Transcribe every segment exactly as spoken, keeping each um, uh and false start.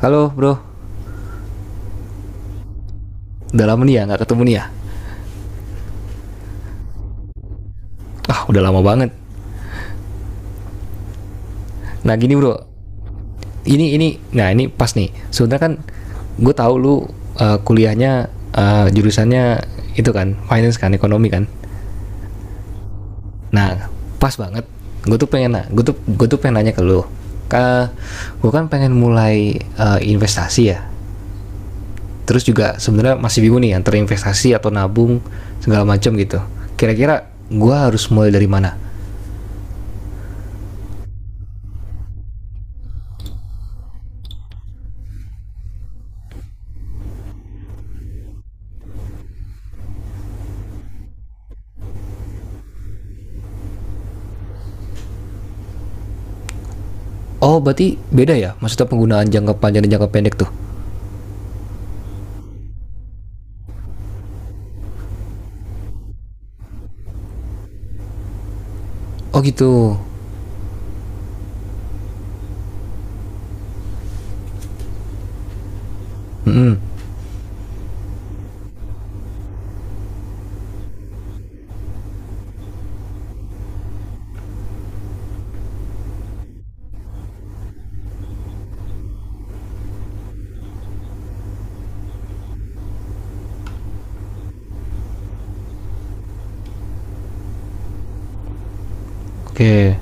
Halo bro, udah lama nih ya nggak ketemu nih ya? Ah udah lama banget. Nah gini bro, ini ini, nah ini pas nih. Sebenarnya kan gue tahu lu uh, kuliahnya, uh, jurusannya itu kan finance kan, ekonomi kan. Nah pas banget. Gue tuh pengen, gue tuh gue tuh pengen nanya ke lu. Ka, gue kan pengen mulai uh, investasi ya. Terus juga sebenarnya masih bingung nih antara investasi atau nabung segala macam gitu. Kira-kira gue harus mulai dari mana? Oh, berarti beda ya? Maksudnya penggunaan jangka panjang dan jangka pendek tuh? Oh gitu. Oke,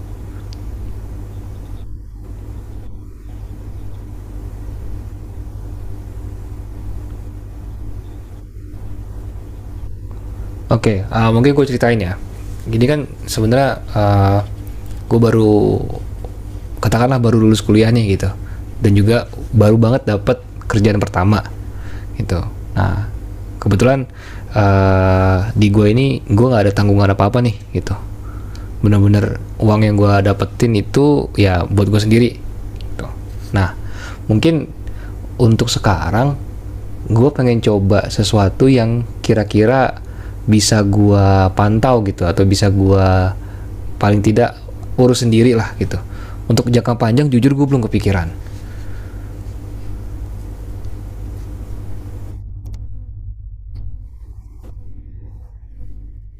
okay, oke. Ah, mungkin gue ceritain ya. Gini kan sebenarnya ah, gue baru katakanlah baru lulus kuliahnya gitu, dan juga baru banget dapat kerjaan pertama gitu. Nah, kebetulan ah, di gue ini gue nggak ada tanggungan apa apa nih gitu. Bener-bener uang yang gue dapetin itu ya buat gue sendiri gitu. Nah, mungkin untuk sekarang gue pengen coba sesuatu yang kira-kira bisa gue pantau gitu, atau bisa gue paling tidak urus sendiri lah gitu. Untuk jangka panjang jujur gue belum kepikiran.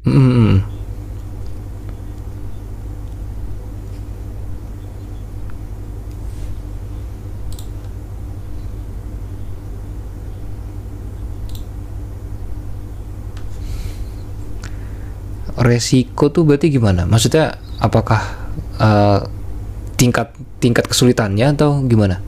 Hmm, resiko tuh berarti gimana? Maksudnya apakah eh, tingkat tingkat kesulitannya atau gimana?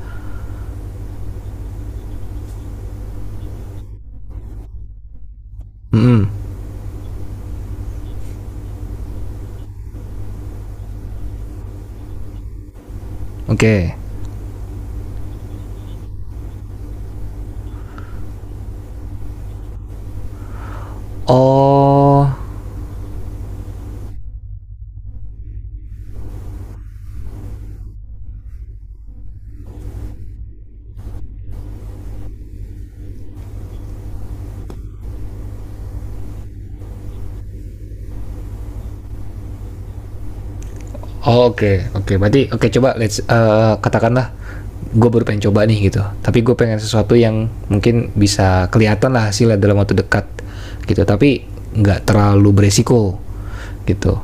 Oke. Okay. Oh. Oh, oke, okay, oke, okay, berarti oke, okay, coba let's eee, katakanlah gue baru pengen coba nih gitu, tapi gue pengen sesuatu yang mungkin bisa kelihatan lah hasilnya dalam waktu dekat gitu, tapi nggak terlalu beresiko gitu.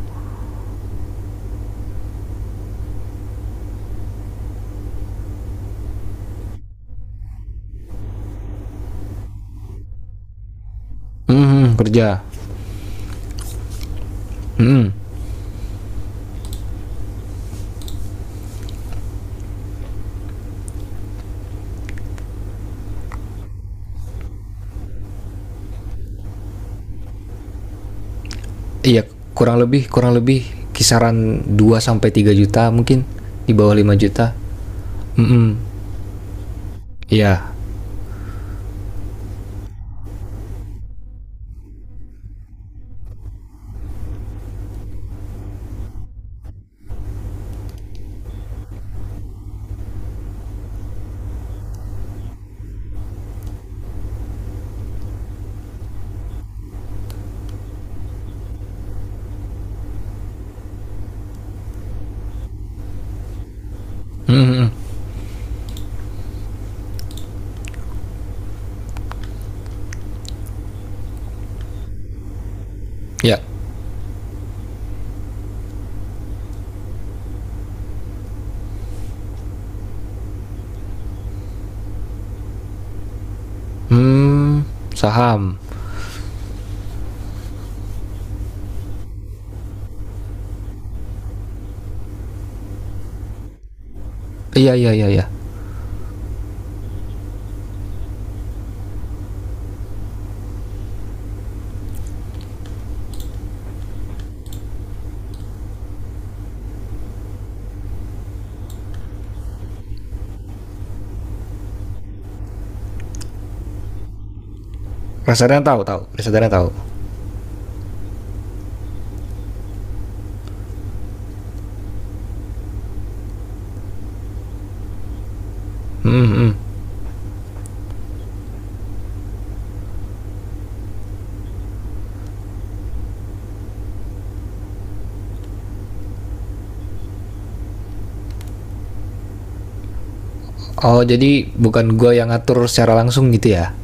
Hmm, kerja. Hmm, iya, kurang lebih kurang lebih kisaran dua sampai tiga juta mungkin, di bawah lima juta. Hmm, iya. Hmm, iya. Hmm. Saham. Iya, iya, iya, iya. Reksadana tahu, tahu reksadana, tahu. Hmm hmm. Oh, jadi bukan gua yang ngatur secara langsung gitu ya?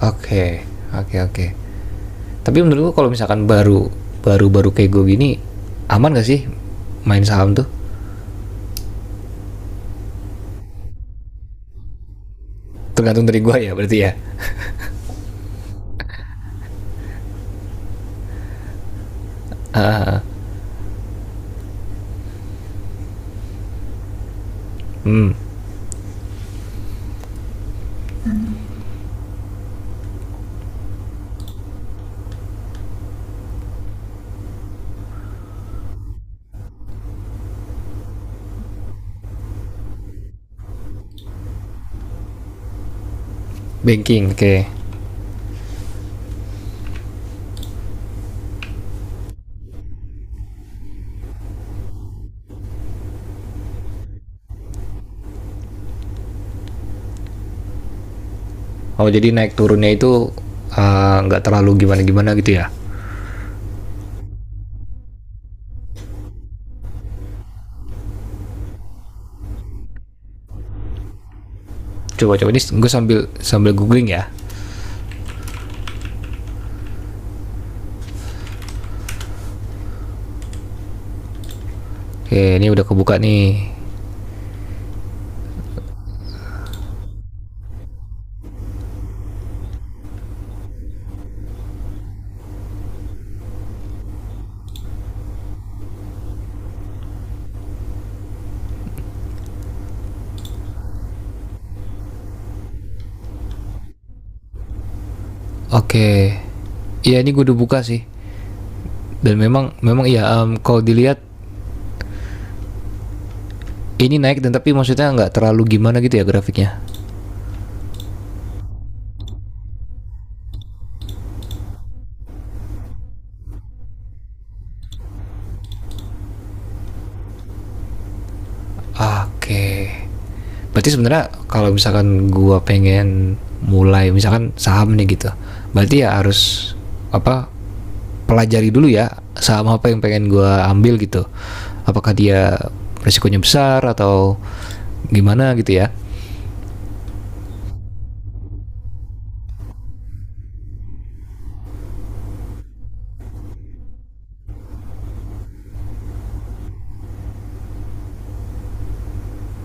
Oke, oke, oke. Tapi menurut gua kalau misalkan baru, baru-baru kayak gua gini, aman gak sih main saham tuh? Tergantung dari gua ya berarti ya. Banking, oke. Oh, jadi naik turunnya itu eh, nggak uh, terlalu gimana-gimana gitu ya? Coba coba ini gua sambil sambil googling ya. Oke, ini udah kebuka nih. Oke. Iya, ini gua udah buka sih. Dan memang memang iya, em, kalau dilihat ini naik dan tapi maksudnya nggak terlalu gimana gitu ya grafiknya. Oke. Berarti sebenarnya kalau misalkan gua pengen mulai misalkan saham nih gitu. Berarti ya harus apa, pelajari dulu ya saham apa yang pengen gua ambil gitu. Apakah dia risikonya besar atau gimana gitu ya.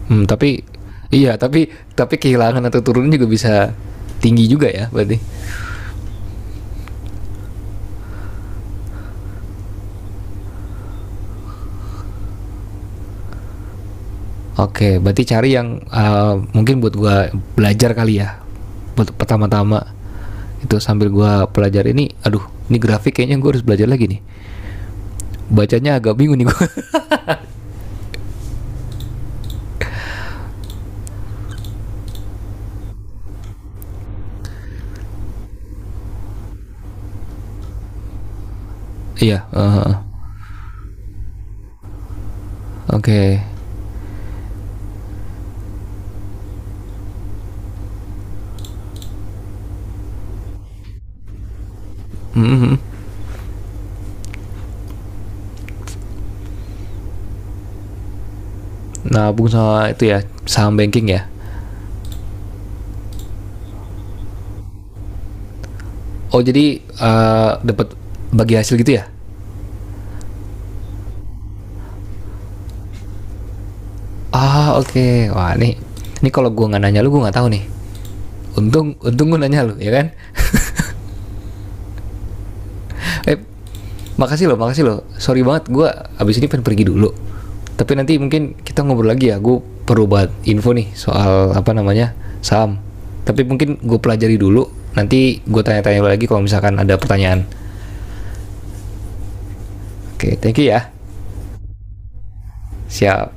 Hmm, tapi iya, tapi tapi kehilangan atau turunnya juga bisa tinggi juga ya berarti. Oke, berarti cari yang eee, mungkin buat gua belajar kali ya, buat pertama-tama. Itu sambil gua pelajari ini, aduh, ini grafik kayaknya gua harus belajar lagi nih. Bacanya agak bingung nih gua. Iya, heeh heeh. Oke. Mhm mhm. Nabung sama itu ya, saham banking ya? Oh jadi, eee, dapat bagi hasil gitu ya? Ah, oke. Okay. Wah, nih nih kalau gua nggak nanya lu, gua nggak tahu nih. Untung untung gue nanya lu, ya kan? Eh, makasih loh, makasih loh. Sorry banget, gue abis ini pengen pergi dulu. Tapi nanti mungkin kita ngobrol lagi ya. Gue perlu banget info nih soal apa namanya saham. Tapi mungkin gue pelajari dulu. Nanti gue tanya-tanya lagi kalau misalkan ada pertanyaan. Oke, thank you ya. Siap.